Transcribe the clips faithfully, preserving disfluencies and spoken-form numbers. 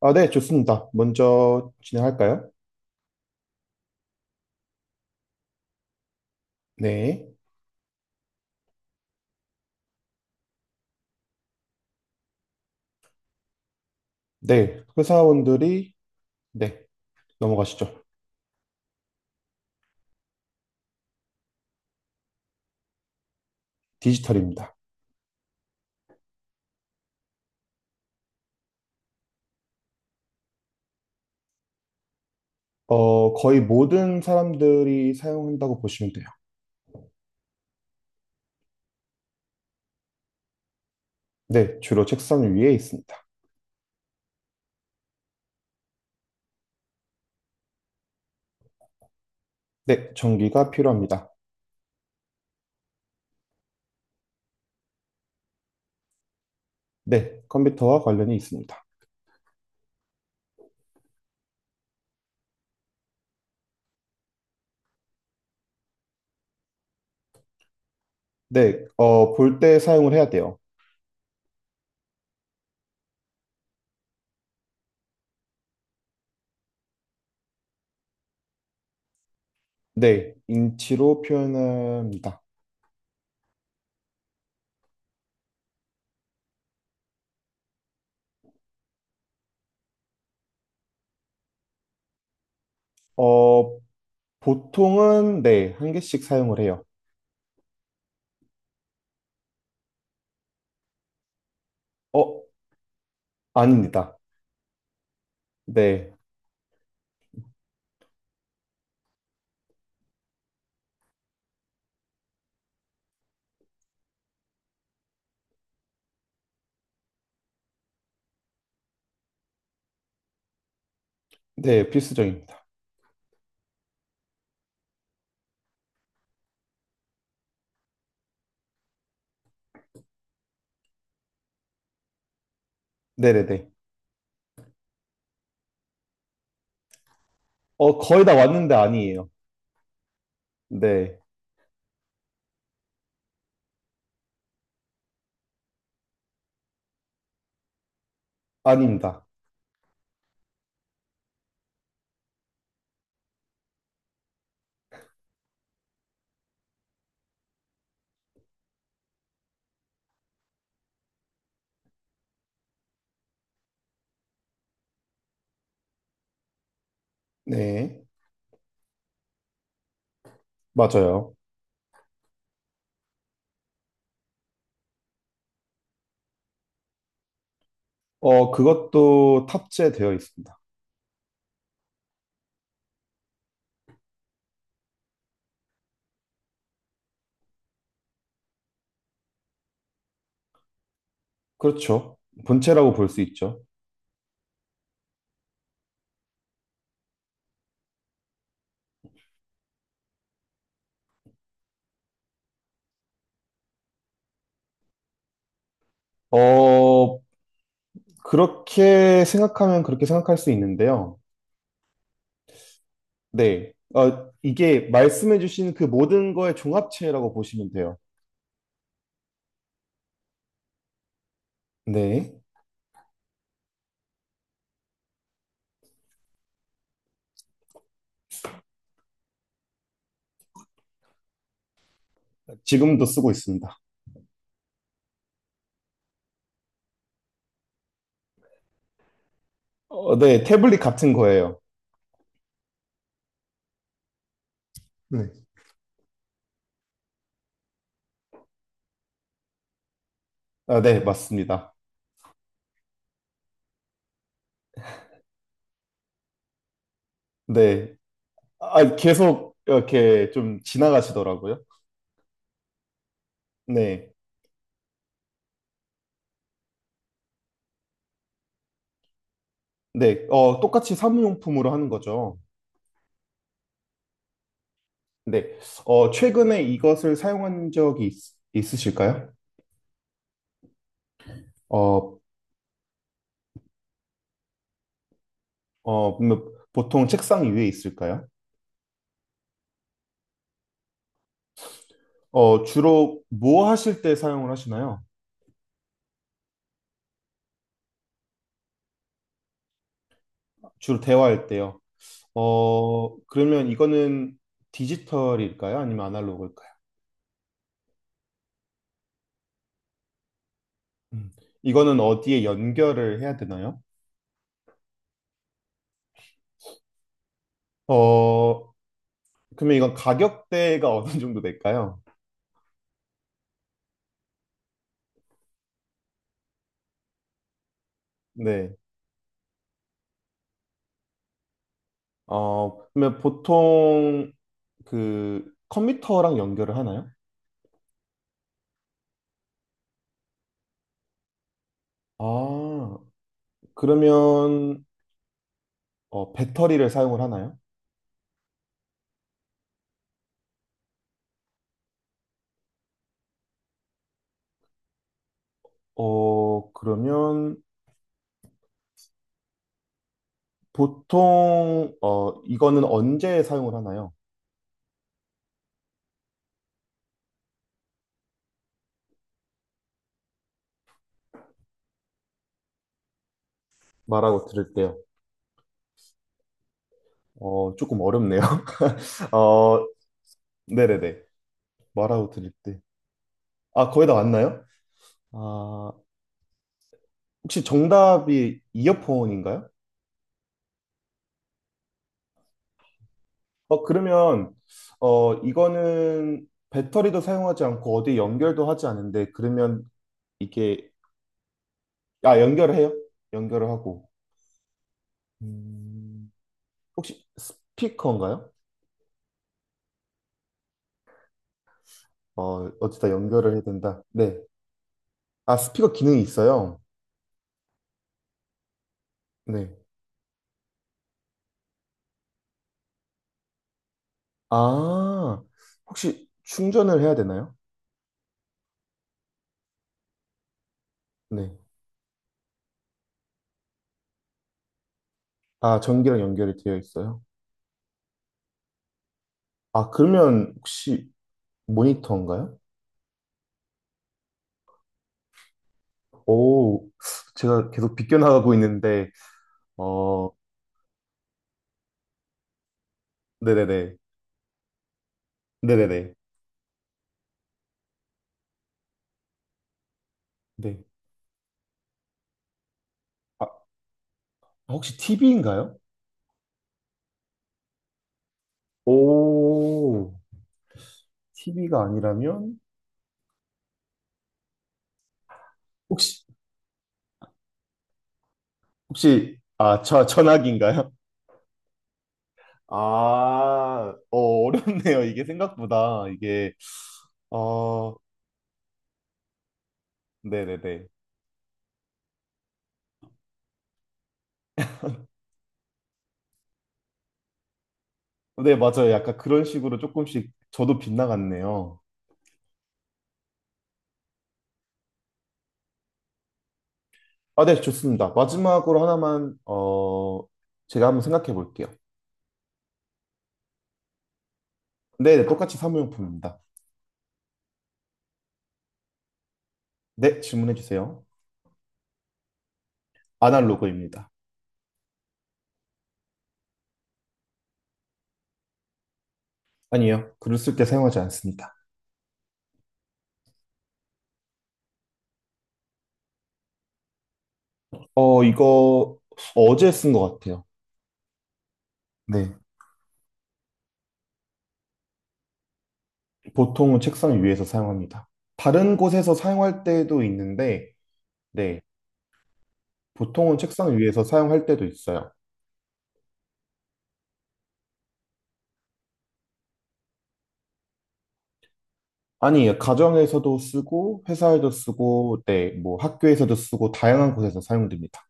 아, 네, 좋습니다. 먼저 진행할까요? 네. 네. 회사원들이, 네. 넘어가시죠. 디지털입니다. 어, 거의 모든 사람들이 사용한다고 보시면 돼요. 네. 주로 책상 위에 있습니다. 네. 전기가 필요합니다. 네. 컴퓨터와 관련이 있습니다. 네. 어, 볼 때 사용을 해야 돼요. 네. 인치로 표현합니다. 어, 보통은, 네. 한 개씩 사용을 해요. 어, 아닙니다. 네, 네, 필수적입니다. 네네네. 어, 거의 다 왔는데 아니에요. 네, 아닙니다. 네, 맞아요. 어, 그것도 탑재되어 있습니다. 그렇죠. 본체라고 볼 수 있죠. 어, 그렇게 생각하면 그렇게 생각할 수 있는데요. 네, 어, 이게 말씀해주신 그 모든 거의 종합체라고 보시면 돼요. 네, 지금도 쓰고 있습니다. 어, 네, 태블릿 같은 거예요. 네. 아, 네, 맞습니다. 네, 아, 계속 이렇게 좀 지나가시더라고요. 네. 네. 어, 똑같이 사무용품으로 하는 거죠. 네. 어, 최근에 이것을 사용한 적이 있, 으실까요? 어, 어, 뭐, 보통 책상 위에 있을까요? 어, 주로 뭐 하실 때 사용을 하시나요? 주로 대화할 때요. 어, 그러면 이거는 디지털일까요? 아니면 아날로그일까요? 음, 이거는 어디에 연결을 해야 되나요? 어, 그러면 이건 가격대가 어느 정도 될까요? 네. 어, 그러면 보통 그 컴퓨터랑 연결을 하나요? 아, 그러면 어, 배터리를 사용을 하나요? 어, 그러면 보통 어, 이거는 언제 사용을 하나요? 말하고 들을 때요. 어, 조금 어렵네요. 어, 네네네. 말하고 들을 때. 아, 거의 다 왔나요? 아, 혹시 정답이 이어폰인가요? 어, 그러면, 어, 이거는 배터리도 사용하지 않고 어디 연결도 하지 않는데, 그러면 이게, 아, 연결을 해요? 연결을 하고. 음, 혹시 스피커인가요? 어, 어디다 연결을 해야 된다. 네. 아, 스피커 기능이 있어요? 네. 아, 혹시 충전을 해야 되나요? 네. 아, 전기랑 연결이 되어 있어요. 아, 그러면 혹시 모니터인가요? 오, 제가 계속 비껴나가고 있는데, 어, 네네네. 네네네. 네. 아, 혹시 티비인가요? 오, 티비가 아니라면? 혹시, 혹시, 아, 저, 전화기인가요? 아, 어, 어렵네요. 이게 생각보다, 이게, 어, 네네네. 네, 맞아요. 약간 그런 식으로 조금씩 저도 빗나갔네요. 아, 네, 좋습니다. 마지막으로 하나만, 어, 제가 한번 생각해 볼게요. 네, 네, 똑같이 사무용품입니다. 네, 질문해 주세요. 아날로그입니다. 아니요. 글을 쓸 때 사용하지 않습니다. 어, 이거 어제 쓴 것 같아요. 네. 보통은 책상 위에서 사용합니다. 다른 곳에서 사용할 때도 있는데, 네. 보통은 책상 위에서 사용할 때도 있어요. 아니, 가정에서도 쓰고, 회사에도 쓰고, 네, 뭐 학교에서도 쓰고, 다양한 곳에서 사용됩니다.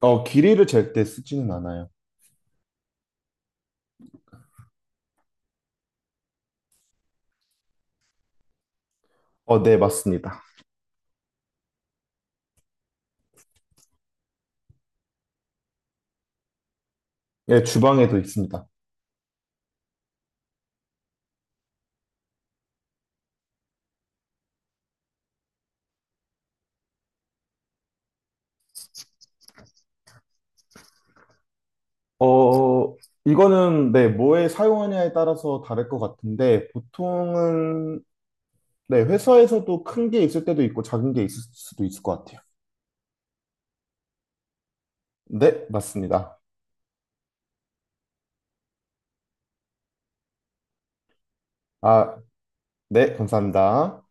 어, 길이를 잴 때 쓰지는 않아요. 어, 네, 맞습니다. 예, 주방에도 있습니다. 어, 이거는 네, 뭐에 사용하냐에 따라서 다를 것 같은데 보통은 네, 회사에서도 큰 게 있을 때도 있고 작은 게 있을 수도 있을 것 같아요. 네, 맞습니다. 아, 네, 감사합니다.